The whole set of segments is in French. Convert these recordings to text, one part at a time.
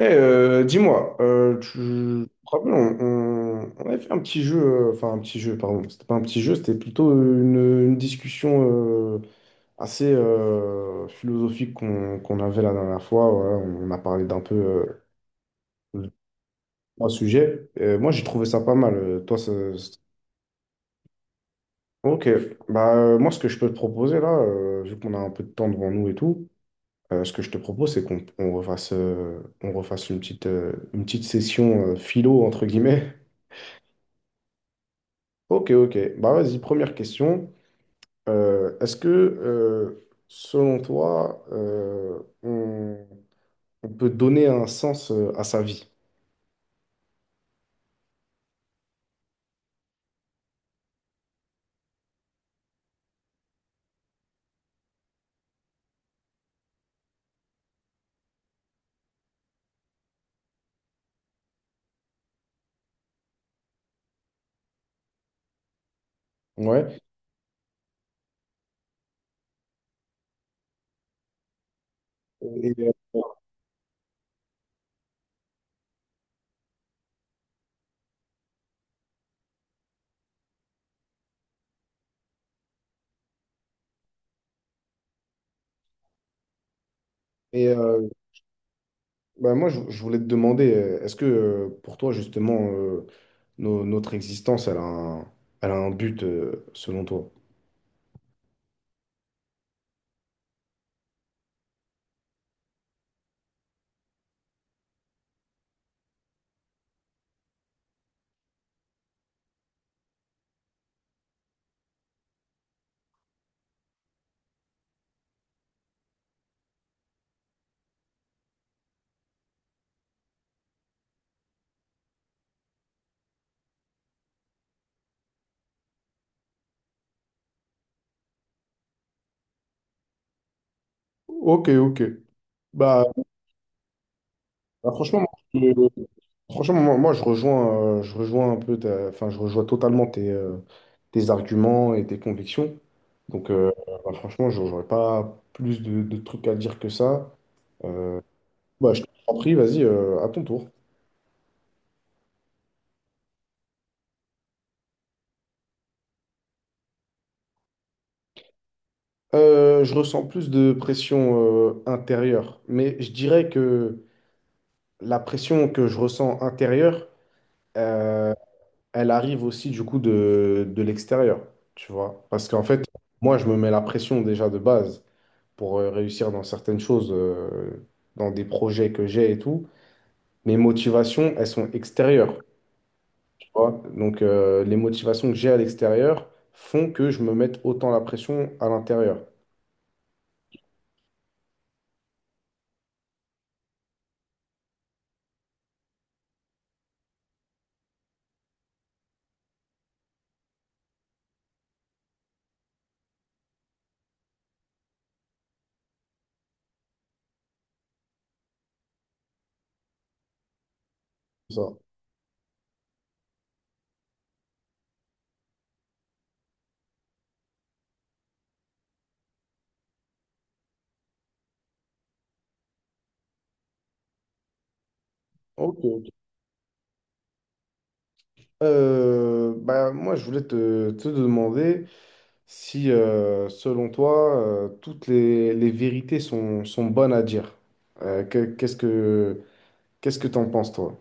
Eh, dis-moi, tu je me rappelle, on avait fait un petit jeu, enfin un petit jeu, pardon, c'était pas un petit jeu, c'était plutôt une discussion assez philosophique qu'on avait la dernière fois. Voilà. On a parlé d'un peu de trois sujets. Et moi, j'ai trouvé ça pas mal. Toi. Ok, bah moi, ce que je peux te proposer là, vu qu'on a un peu de temps devant nous et tout, ce que je te propose, c'est qu'on refasse une petite session philo entre guillemets. Ok, ok. Bah vas-y, première question. Est-ce que, selon toi, on peut donner un sens à sa vie? Ouais. Et, euh, et, euh, Bah, moi, je voulais te demander, est-ce que pour toi, justement, notre existence, elle a un but, selon toi? Ok, ok. Bah, bah, franchement, moi, je- franchement, moi, je rejoins, enfin, je rejoins totalement tes arguments et tes convictions. Donc, bah, franchement, j'aurais pas plus de trucs à dire que ça. Euh, bah, je t'en prie, vas-y, à ton tour. Je ressens plus de pression intérieure, mais je dirais que la pression que je ressens intérieure, euh, elle arrive aussi du coup de l'extérieur, tu vois. Parce qu'en fait, moi, je me mets la pression déjà de base pour réussir dans certaines choses, dans des projets que j'ai et tout. Mes motivations, elles sont extérieures. Vois. Donc, les motivations que j'ai à l'extérieur font que je me mette autant la pression à l'intérieur. Ça. Ok, ok. Bah, moi, je voulais te demander si, selon toi, toutes les vérités sont bonnes à dire. Euh, que- qu'est-ce que, qu'est-ce que t'en penses, toi?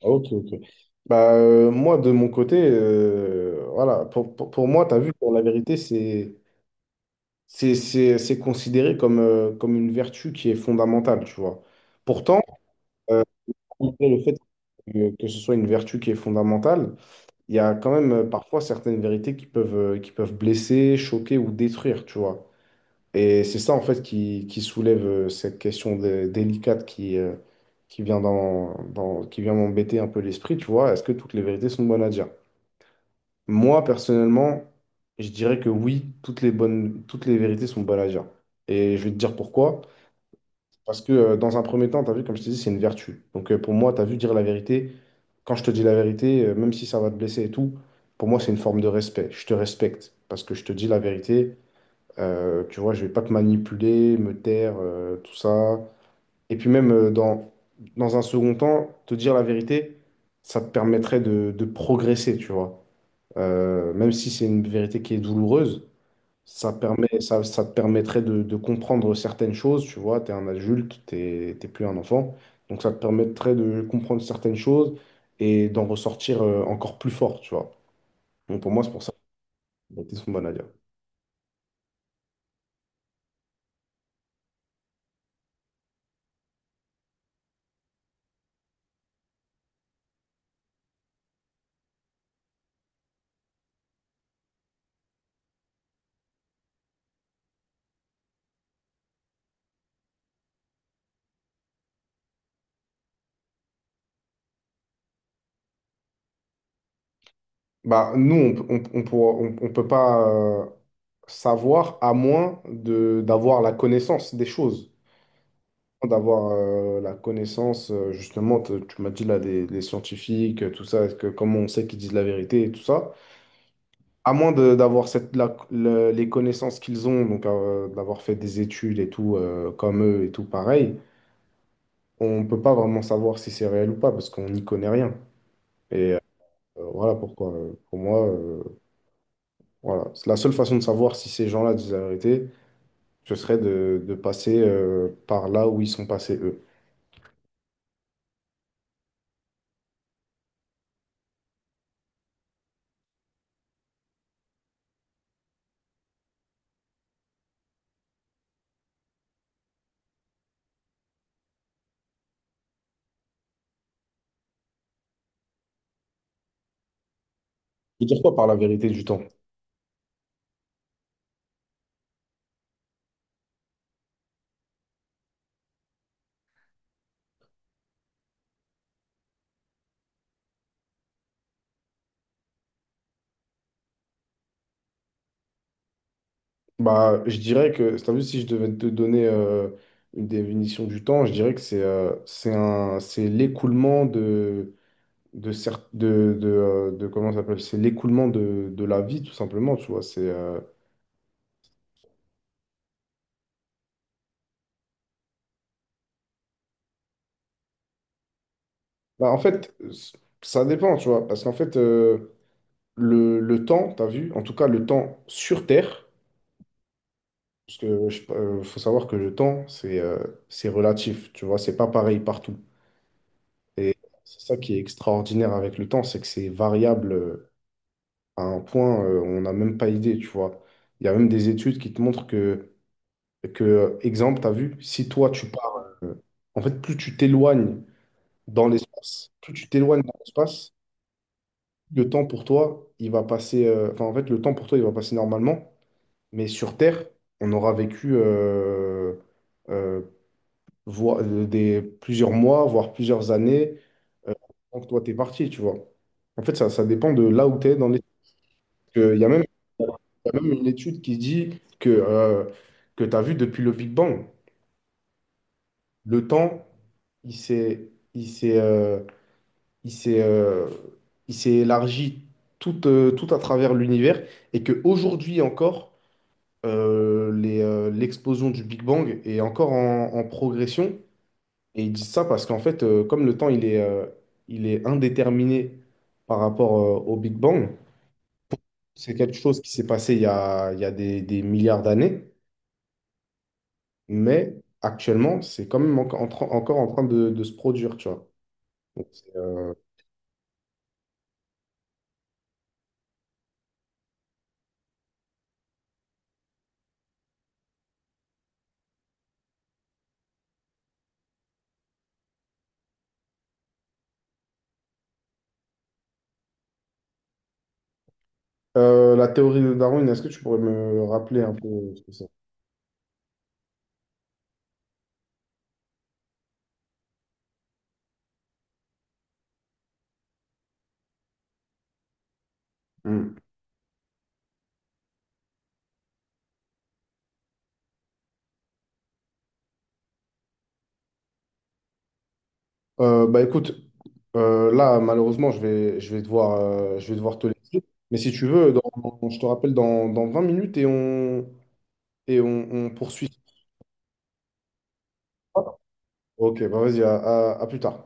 Ok, ok. Bah, moi, de mon côté, voilà, pour moi, tu as vu que la vérité, c'est considéré comme, comme une vertu qui est fondamentale, tu vois. Pourtant, euh, malgré le fait que ce soit une vertu qui est fondamentale, il y a quand même parfois certaines vérités qui peuvent blesser, choquer ou détruire, tu vois. Et c'est ça, en fait, qui soulève cette question délicate qui vient qui vient m'embêter un peu l'esprit, tu vois. Est-ce que toutes les vérités sont bonnes à dire? Moi, personnellement, je dirais que oui, toutes les vérités sont bonnes à dire. Et je vais te dire pourquoi. Parce que dans un premier temps, tu as vu, comme je t'ai dit, c'est une vertu. Donc pour moi, tu as vu dire la vérité. Quand je te dis la vérité, même si ça va te blesser et tout, pour moi, c'est une forme de respect. Je te respecte parce que je te dis la vérité. Tu vois, je vais pas te manipuler, me taire, tout ça. Et puis même dans un second temps, te dire la vérité, ça te permettrait de progresser, tu vois. Même si c'est une vérité qui est douloureuse, ça te permettrait de comprendre certaines choses, tu vois, tu es un adulte, t'es plus un enfant, donc ça te permettrait de comprendre certaines choses et d'en ressortir encore plus fort, tu vois. Donc pour moi, c'est pour ça que les sont bonnes à dire. Bah, nous, on, peut- on, pourra- on peut pas euh, savoir à moins d'avoir la connaissance des choses, d'avoir la connaissance, justement, tu m'as dit là, des scientifiques, tout ça, comment on sait qu'ils disent la vérité et tout ça. À moins d'avoir les connaissances qu'ils ont, donc d'avoir fait des études et tout, comme eux et tout pareil, on ne peut pas vraiment savoir si c'est réel ou pas parce qu'on n'y connaît rien. Et voilà pourquoi, pour moi, voilà. C'est La seule façon de savoir si ces gens-là disent la vérité, ce serait de passer par là où ils sont passés eux. Je veux dire quoi par la vérité du temps? Bah, je dirais que, t'as vu, si je devais te donner une définition du temps, je dirais que c'est c'est l'écoulement de, cer- de- comment ça s'appelle? C'est l'écoulement de la vie, tout simplement, tu vois. Bah, en fait, ça dépend, tu vois. Parce qu'en fait, le temps, tu as vu, en tout cas, le temps sur Terre, parce que faut savoir que le temps, c'est relatif, tu vois. C'est pas pareil partout. Et c'est ça qui est extraordinaire avec le temps, c'est que c'est variable à un point, on n'a même pas idée, tu vois. Il y a même des études qui te montrent que exemple, tu as vu, si toi tu pars, en fait, plus tu t'éloignes dans l'espace, le temps pour toi, il va passer, enfin, en fait, le temps pour toi, il va passer normalement, mais sur Terre, on aura vécu euh, plusieurs mois, voire plusieurs années, euh, avant que toi, t'es parti, tu vois. En fait, ça dépend de là où tu es dans les... Il y a même, il y a même une étude qui dit que tu as vu depuis le Big Bang. Le temps, il s'est, il s'est, euh, il s'est, euh, il s'est élargi tout à travers l'univers et que aujourd'hui encore, l'explosion du Big Bang est encore en progression. Et ils disent ça parce qu'en fait, comme le temps, il est indéterminé par rapport, au Big Bang, c'est quelque chose qui s'est passé il y a des milliards d'années, mais actuellement, c'est quand même encore en train de se produire, tu vois. Donc, la théorie de Darwin, est-ce que tu pourrais me rappeler un peu ce que c'est? Hmm. Bah écoute, là malheureusement je vais devoir te laisser. Mais si tu veux, je te rappelle dans 20 minutes et on poursuit. Ok, bah vas-y, à plus tard.